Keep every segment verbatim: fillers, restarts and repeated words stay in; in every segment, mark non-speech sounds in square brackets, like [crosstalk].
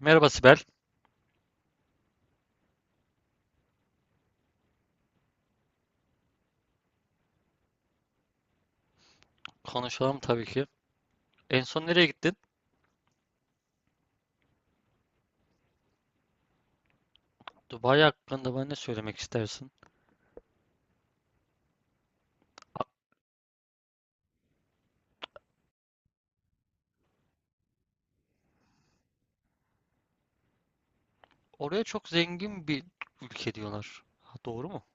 Merhaba Sibel. Konuşalım tabii ki. En son nereye gittin? Dubai hakkında bana ne söylemek istersin? Oraya çok zengin bir ülke diyorlar. Ha, doğru mu?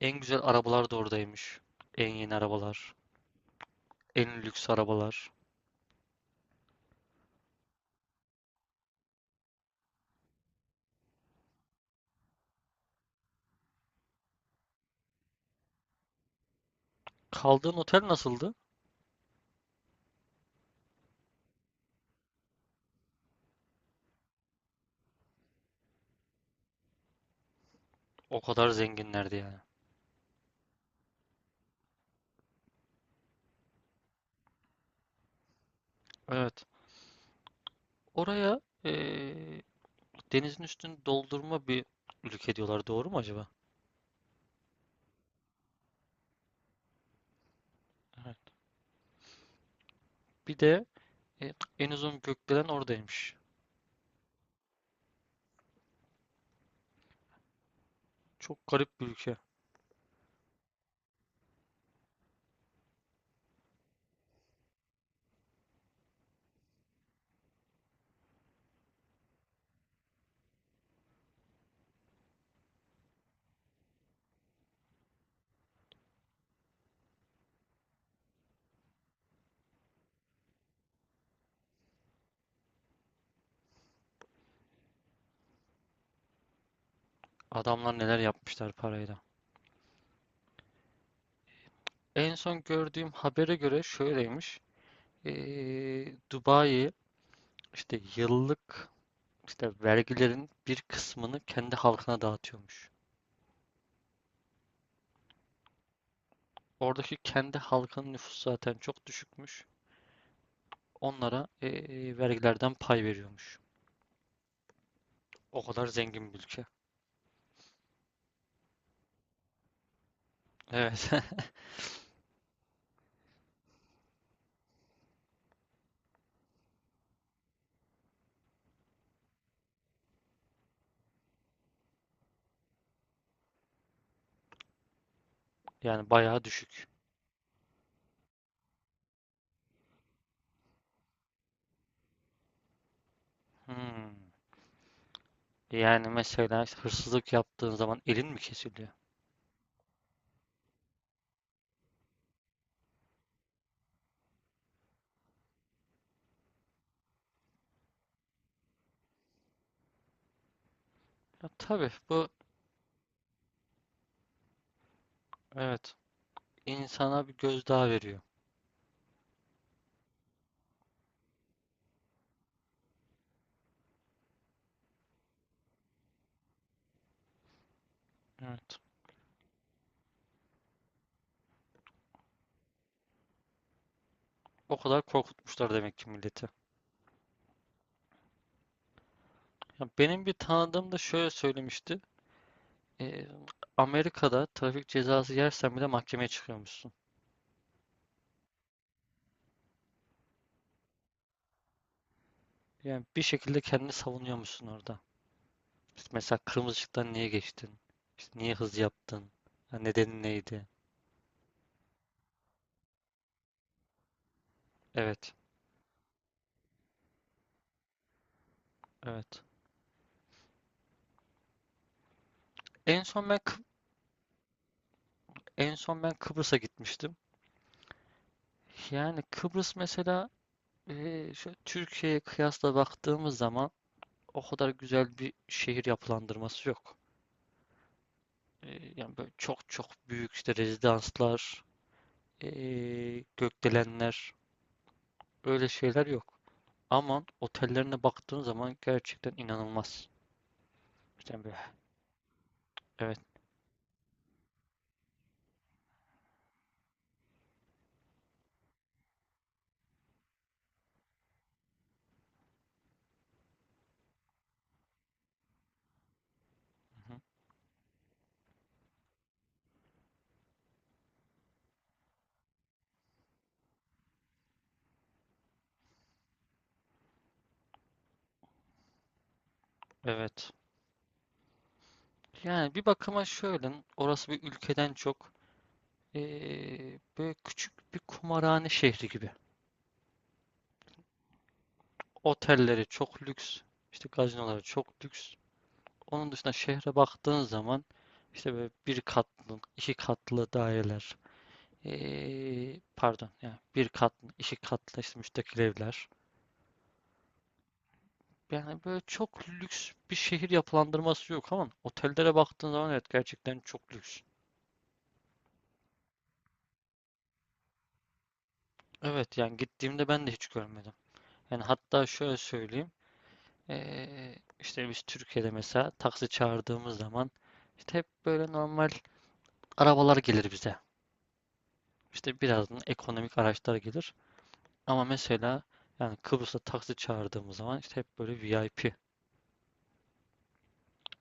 En güzel arabalar da oradaymış. En yeni arabalar. En lüks arabalar. Kaldığın otel nasıldı? O kadar zenginlerdi yani. Evet. Oraya eee, denizin üstünü doldurma bir ülke diyorlar. Doğru mu acaba? Evet. Bir de e, en uzun gökdelen oradaymış. Çok garip bir ülke. Adamlar neler yapmışlar parayla. En son gördüğüm habere göre şöyleymiş. Ee, Dubai işte yıllık işte vergilerin bir kısmını kendi halkına dağıtıyormuş. Oradaki kendi halkının nüfusu zaten çok düşükmüş. Onlara ee, vergilerden pay veriyormuş. O kadar zengin bir ülke. Evet. [laughs] Yani bayağı düşük. Hmm. Yani mesela işte hırsızlık yaptığın zaman elin mi kesiliyor? Ya tabii bu, evet, insana bir gözdağı veriyor. Evet. O kadar korkutmuşlar demek ki milleti. Ya benim bir tanıdığım da şöyle söylemişti. Ee, Amerika'da trafik cezası yersen bile mahkemeye çıkıyormuşsun. Yani bir şekilde kendini savunuyormuşsun orada. İşte mesela kırmızı ışıktan niye geçtin? İşte niye hız yaptın? Ya nedeni neydi? Evet, evet. En son ben Kıb- en son ben Kıbrıs'a gitmiştim. Yani Kıbrıs mesela ee, şöyle Türkiye'ye kıyasla baktığımız zaman o kadar güzel bir şehir yapılandırması yok. Ee, yani böyle çok çok büyük işte rezidanslar eee, gökdelenler öyle şeyler yok. Ama otellerine baktığın zaman gerçekten inanılmaz. İşte böyle, evet, hı hı, evet. Yani bir bakıma şöyle, orası bir ülkeden çok eee, böyle küçük bir kumarhane şehri gibi. Otelleri çok lüks, işte gazinoları çok lüks. Onun dışında şehre baktığın zaman işte böyle bir katlı, iki katlı daireler, eee, pardon, yani bir katlı, iki katlı işte müstakil evler. Yani böyle çok lüks bir şehir yapılandırması yok ama otellere baktığın zaman, evet, gerçekten çok lüks. Evet, yani gittiğimde ben de hiç görmedim. Yani hatta şöyle söyleyeyim. Ee, işte biz Türkiye'de mesela taksi çağırdığımız zaman işte hep böyle normal arabalar gelir bize. İşte birazdan ekonomik araçlar gelir. Ama mesela yani Kıbrıs'ta taksi çağırdığımız zaman işte hep böyle V I P.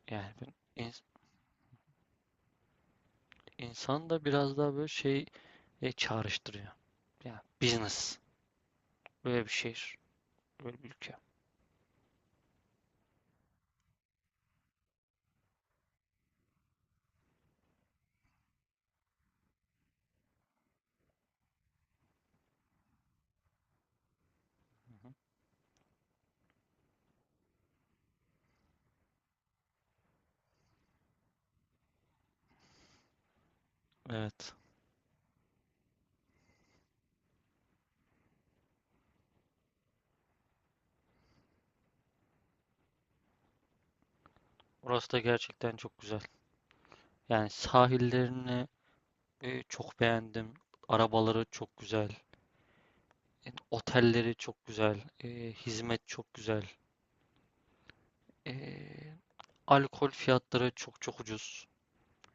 Yani ben- ins- insan da biraz daha böyle şey e, çağrıştırıyor. Yani business. Böyle bir şehir. Böyle bir ülke. Hı hı. Evet. Orası da gerçekten çok güzel. Yani sahillerini e, çok beğendim. Arabaları çok güzel. E, otelleri çok güzel. E, hizmet çok güzel. E, alkol fiyatları çok çok ucuz.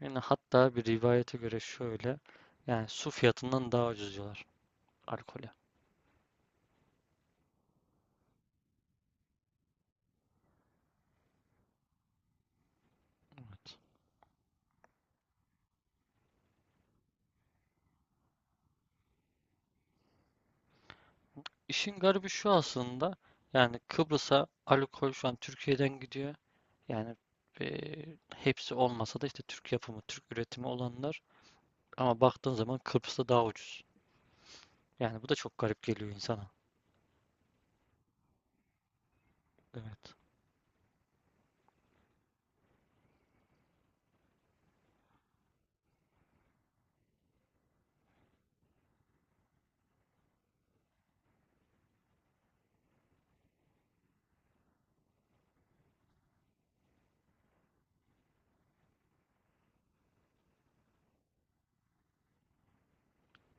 Yani hatta bir rivayete göre şöyle. Yani su fiyatından daha ucuz diyorlar alkole. İşin garibi şu aslında. Yani Kıbrıs'a alkol şu an Türkiye'den gidiyor. Yani eee, hepsi olmasa da işte Türk yapımı, Türk üretimi olanlar. Ama baktığın zaman Kıbrıs'ta daha ucuz. Yani bu da çok garip geliyor insana. Evet.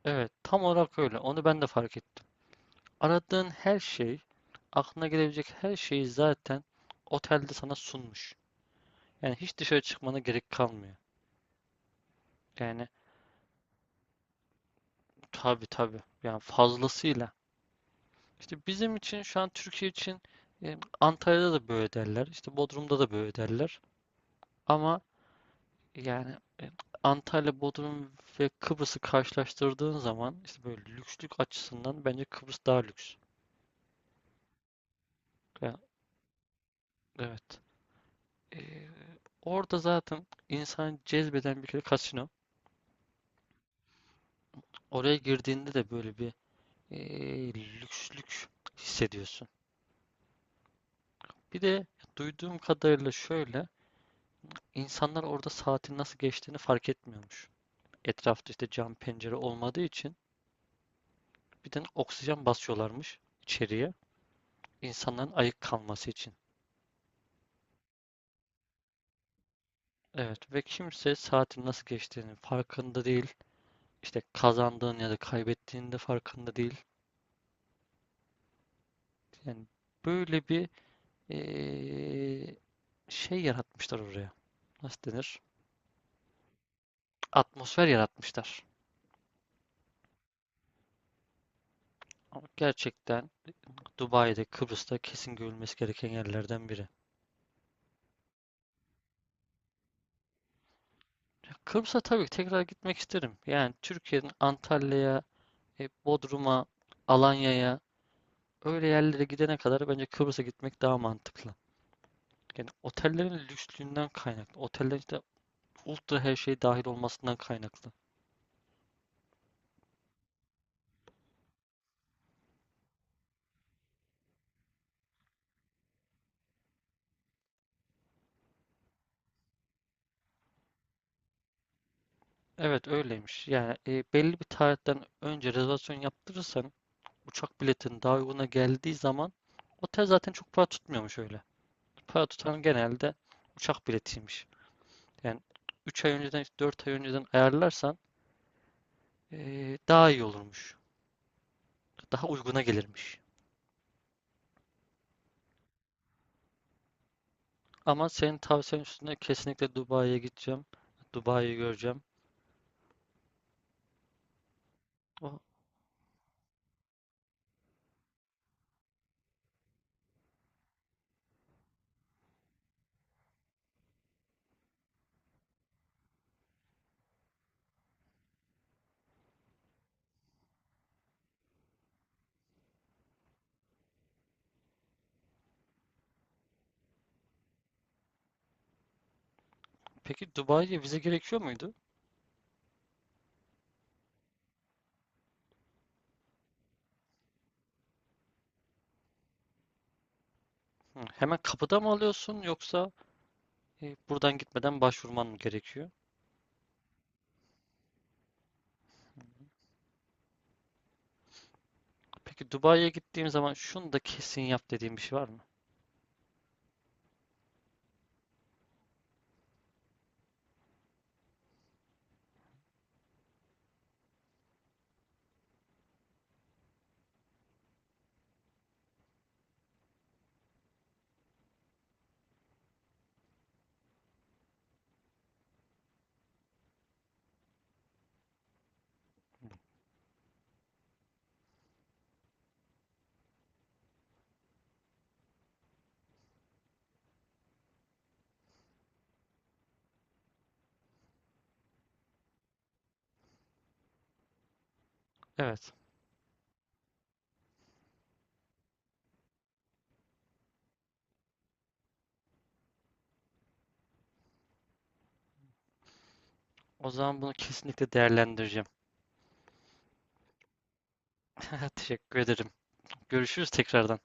Evet, tam olarak öyle. Onu ben de fark ettim. Aradığın her şey, aklına gelebilecek her şeyi zaten otelde sana sunmuş. Yani hiç dışarı çıkmana gerek kalmıyor. Yani, tabii tabii. Yani fazlasıyla. İşte bizim için şu an Türkiye için e, Antalya'da da böyle derler. İşte Bodrum'da da böyle derler. Ama yani e, Antalya, Bodrum ve Kıbrıs'ı karşılaştırdığın zaman işte böyle lükslük açısından bence Kıbrıs daha lüks. Yani, evet. E, orada zaten insan cezbeden bir kere kasino. Oraya girdiğinde de böyle bir e, lükslük hissediyorsun. Bir de duyduğum kadarıyla şöyle insanlar orada saatin nasıl geçtiğini fark etmiyormuş. Etrafta işte cam pencere olmadığı için bir de oksijen basıyorlarmış içeriye insanların ayık kalması için. Evet ve kimse saatin nasıl geçtiğinin farkında değil. İşte kazandığın ya da kaybettiğinin de farkında değil. Yani böyle bir eee, şey yaratmışlar oraya. Nasıl denir? Atmosfer yaratmışlar. Ama gerçekten Dubai'de, Kıbrıs'ta kesin görülmesi gereken yerlerden biri. Ya Kıbrıs'a tabii ki tekrar gitmek isterim. Yani Türkiye'nin Antalya'ya, E, Bodrum'a, Alanya'ya öyle yerlere gidene kadar bence Kıbrıs'a gitmek daha mantıklı. Yani otellerin lükslüğünden kaynaklı. Otellerin işte ultra her şey dahil olmasından kaynaklı. Evet, öyleymiş. Yani e, belli bir tarihten önce rezervasyon yaptırırsan uçak biletin daha uyguna geldiği zaman otel zaten çok para tutmuyormuş öyle. Para tutan genelde uçak biletiymiş. Yani üç ay önceden dört ay önceden ayarlarsan e, daha iyi olurmuş. Daha uyguna gelirmiş. Ama senin tavsiyen üstüne kesinlikle Dubai'ye gideceğim. Dubai'yi göreceğim. O- Peki Dubai'ye vize gerekiyor muydu? Hı, hemen kapıda mı alıyorsun yoksa e, buradan gitmeden başvurman mı gerekiyor? Peki Dubai'ye gittiğim zaman şunu da kesin yap dediğim bir şey var mı? Evet. O zaman bunu kesinlikle değerlendireceğim. [laughs] Teşekkür ederim. Görüşürüz tekrardan.